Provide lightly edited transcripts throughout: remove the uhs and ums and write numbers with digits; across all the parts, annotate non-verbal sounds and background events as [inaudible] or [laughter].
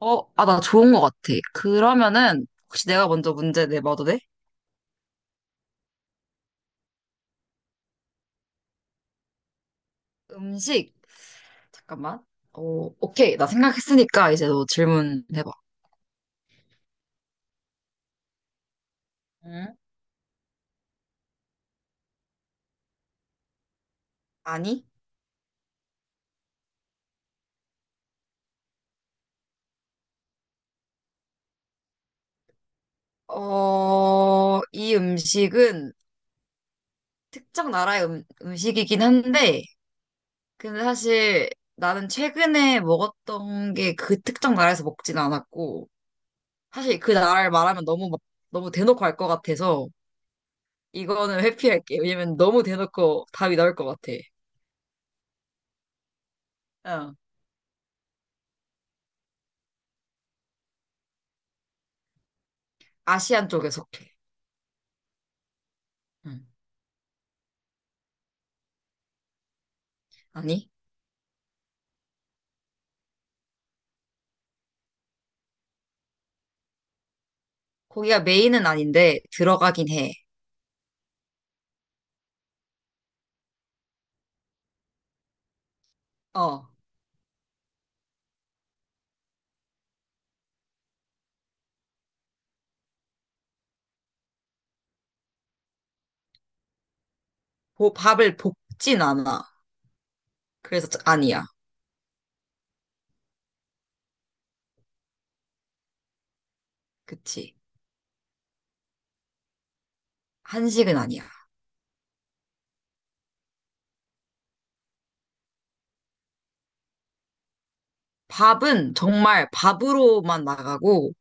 나 좋은 것 같아. 그러면은, 혹시 내가 먼저 문제 내봐도 돼? 음식, 잠깐만. 오케이. 나 생각했으니까 이제 너 질문해봐. 응? 아니? 어, 이 음식은 특정 나라의 음식이긴 한데, 근데 사실 나는 최근에 먹었던 게 그 특정 나라에서 먹진 않았고, 사실 그 나라를 말하면 너무 막, 너무 대놓고 할 것 같아서, 이거는 회피할게. 왜냐면 너무 대놓고 답이 나올 것 같아. 아시안 쪽에 속해. 응. 아니, 거기가 메인은 아닌데 들어가긴 해. 어, 밥을 볶진 않아. 그래서 아니야. 그치. 한식은 아니야. 밥은 정말 밥으로만 나가고,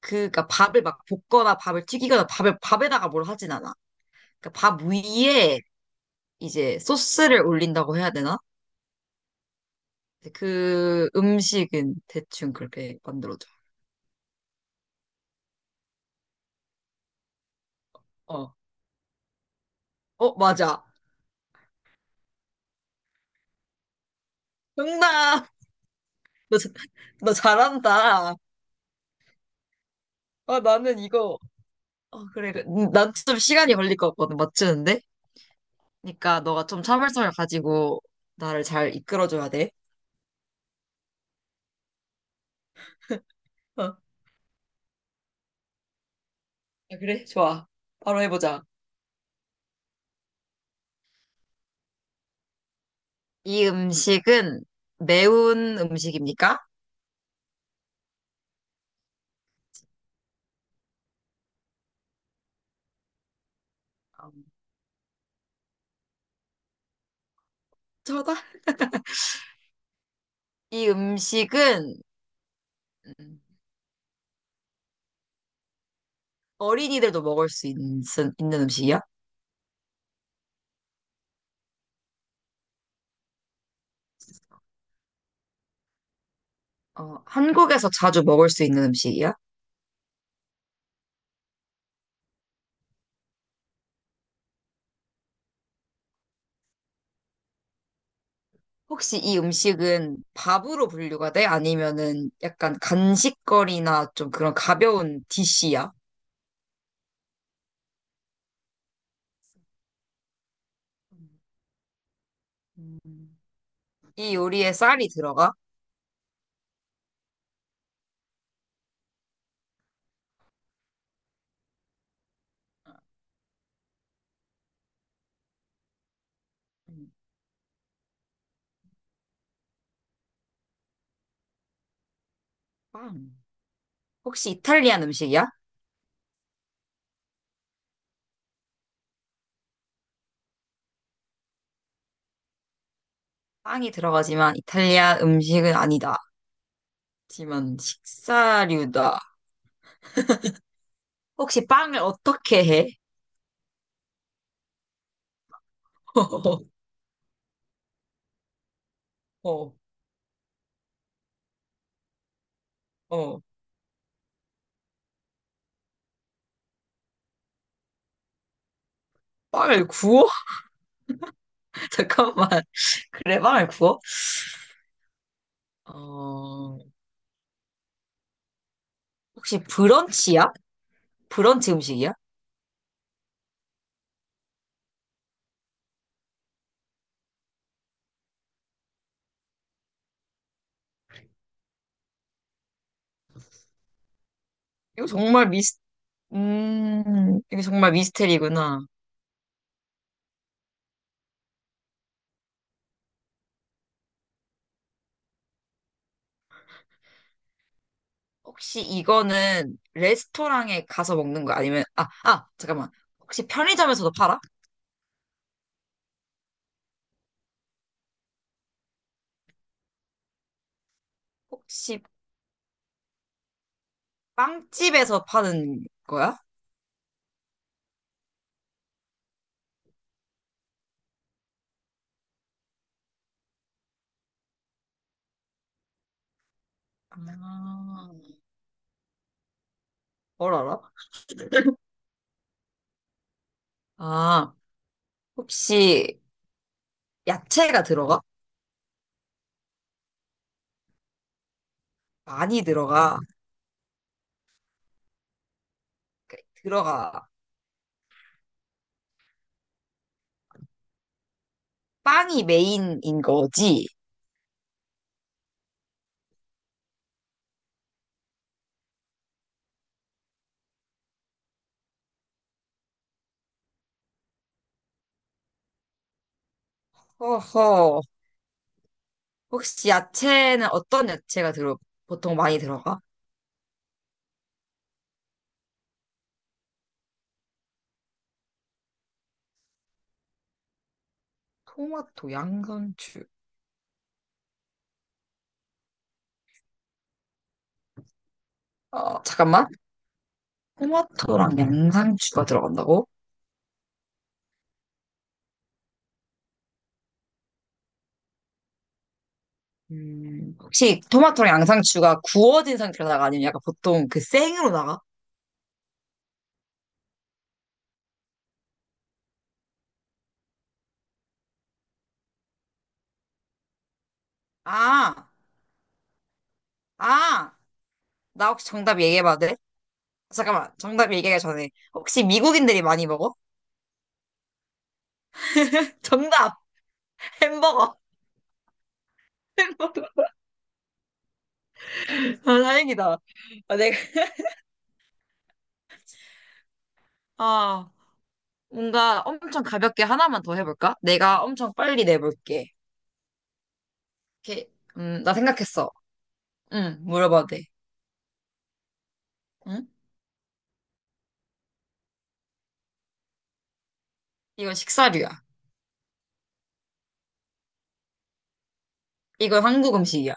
그니까 밥을 막 볶거나 밥을 튀기거나 밥을 밥에다가 뭘 하진 않아. 그러니까 밥 위에 이제 소스를 올린다고 해야 되나? 그 음식은 대충 그렇게 만들어져. 어, 어, 맞아. 정답. [laughs] 너, 너 잘한다. 아, 나는 이거, 어, 그래. 그래. 난좀 시간이 걸릴 것 같거든, 맞추는데? 그러니까 너가 좀 참을성을 가지고 나를 잘 이끌어줘야 돼. 어. 아, 그래? 좋아. 바로 해보자. 이 음식은 매운 음식입니까? 음, 저다. 이 음식은 음, 어린이들도 먹을 수 있는, 있는 음식이야? 어, 한국에서 자주 먹을 수 있는 음식이야? 혹시 이 음식은 밥으로 분류가 돼? 아니면은 약간 간식거리나 좀 그런 가벼운 디시야? 음, 이 요리에 쌀이 들어가? 음, 빵. 혹시 이탈리안 음식이야? 빵이 들어가지만 이탈리아 음식은 아니다. 하지만 식사류다. 혹시 빵을 어떻게 해? [laughs] 어, 어, 빵을 구워? [laughs] 잠깐만. 그래, 빵을 구워? 어, 혹시 브런치야? 브런치 음식이야? 이거 정말 미스 이게 정말 미스테리구나. 혹시 이거는 레스토랑에 가서 먹는 거 아니면, 잠깐만. 혹시 편의점에서도 팔아? 혹시 빵집에서 파는 거야? 아, 뭘 알아? 아, 혹시 야채가 들어가? 많이 들어가. 그, 들어가. 빵이 메인인 거지? 허허. 혹시 야채는 보통 많이 들어가? 토마토, 양상추. 어, 잠깐만. 토마토랑 양상추가 들어간다고? 혹시 토마토랑 양상추가 구워진 상태로 나가 아니면 약간 보통 그 생으로 나가? 아, 아, 나 혹시 정답 얘기해봐도 돼? 잠깐만, 정답 얘기하기 전에 혹시 미국인들이 많이 먹어? [laughs] 정답! 햄버거! 햄버거! 아, 다행이다. 아, 내가, 아, 뭔가 엄청 가볍게 하나만 더 해볼까? 내가 엄청 빨리 내볼게. 이렇게, 나 생각했어. 응, 물어봐도 돼. 응? 이거 식사류야. 이건 한국 음식이야.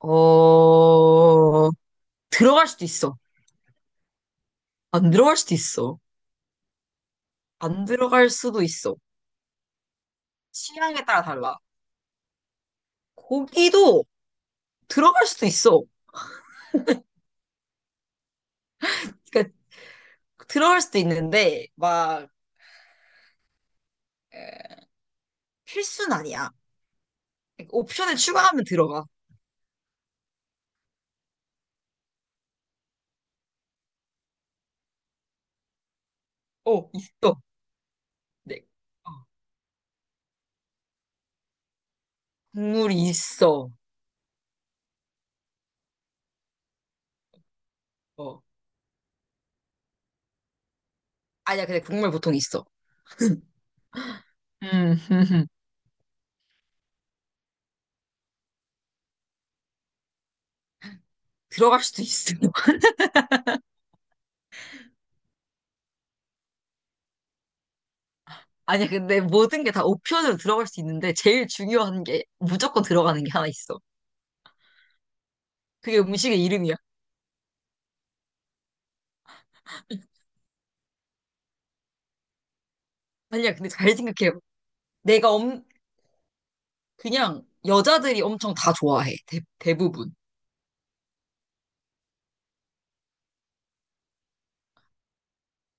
어, 들어갈 수도 있어. 안 들어갈 수도 있어. 안 들어갈 수도 있어. 취향에 따라 달라. 고기도 들어갈 수도 있어. 그러니까 들어갈 수도 있는데 막 에, 필수는 아니야. 그러니까 옵션을 추가하면 들어가. 어, 있어. 네. 어, 국물이 있어. 어. 아니야, 근데 국물 보통 있어. 음, [laughs] 들어갈 수도 있어. [laughs] 아니야, 근데 모든 게 다 옵션으로 들어갈 수 있는데 제일 중요한 게 무조건 들어가는 게 하나 있어. 그게 음식의 이름이야. 아니야, 근데 잘 생각해요. 내가 엄, 그냥 여자들이 엄청 다 좋아해. 대부분.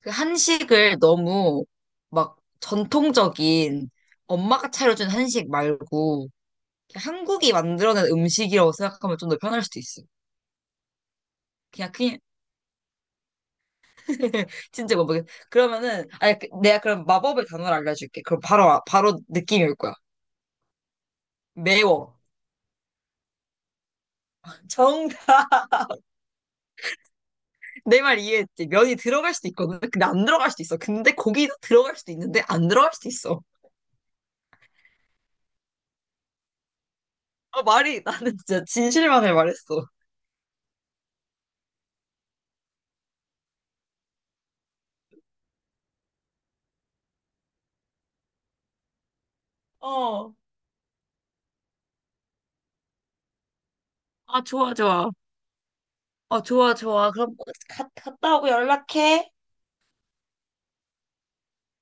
그 한식을 너무 막 전통적인 엄마가 차려준 한식 말고 그냥 한국이 만들어낸 음식이라고 생각하면 좀 더 편할 수도 있어. 그냥, 그냥, [laughs] 진짜 뭐, 그러면은, 아니, 내가 그럼 마법의 단어를 알려줄게. 그럼 바로, 바로 느낌이 올 거야. 매워. 정, [laughs] 내 말 이해했지? 면이 들어갈 수도 있거든. 근데 안 들어갈 수도 있어. 근데 고기도 들어갈 수도 있는데 안 들어갈 수도 있어. 아, 말이 나는 [laughs] 진짜 진실만을 말했어. 어. 아, 좋아, 좋아. 어, 좋아, 좋아. 그럼 갔다 오고 연락해.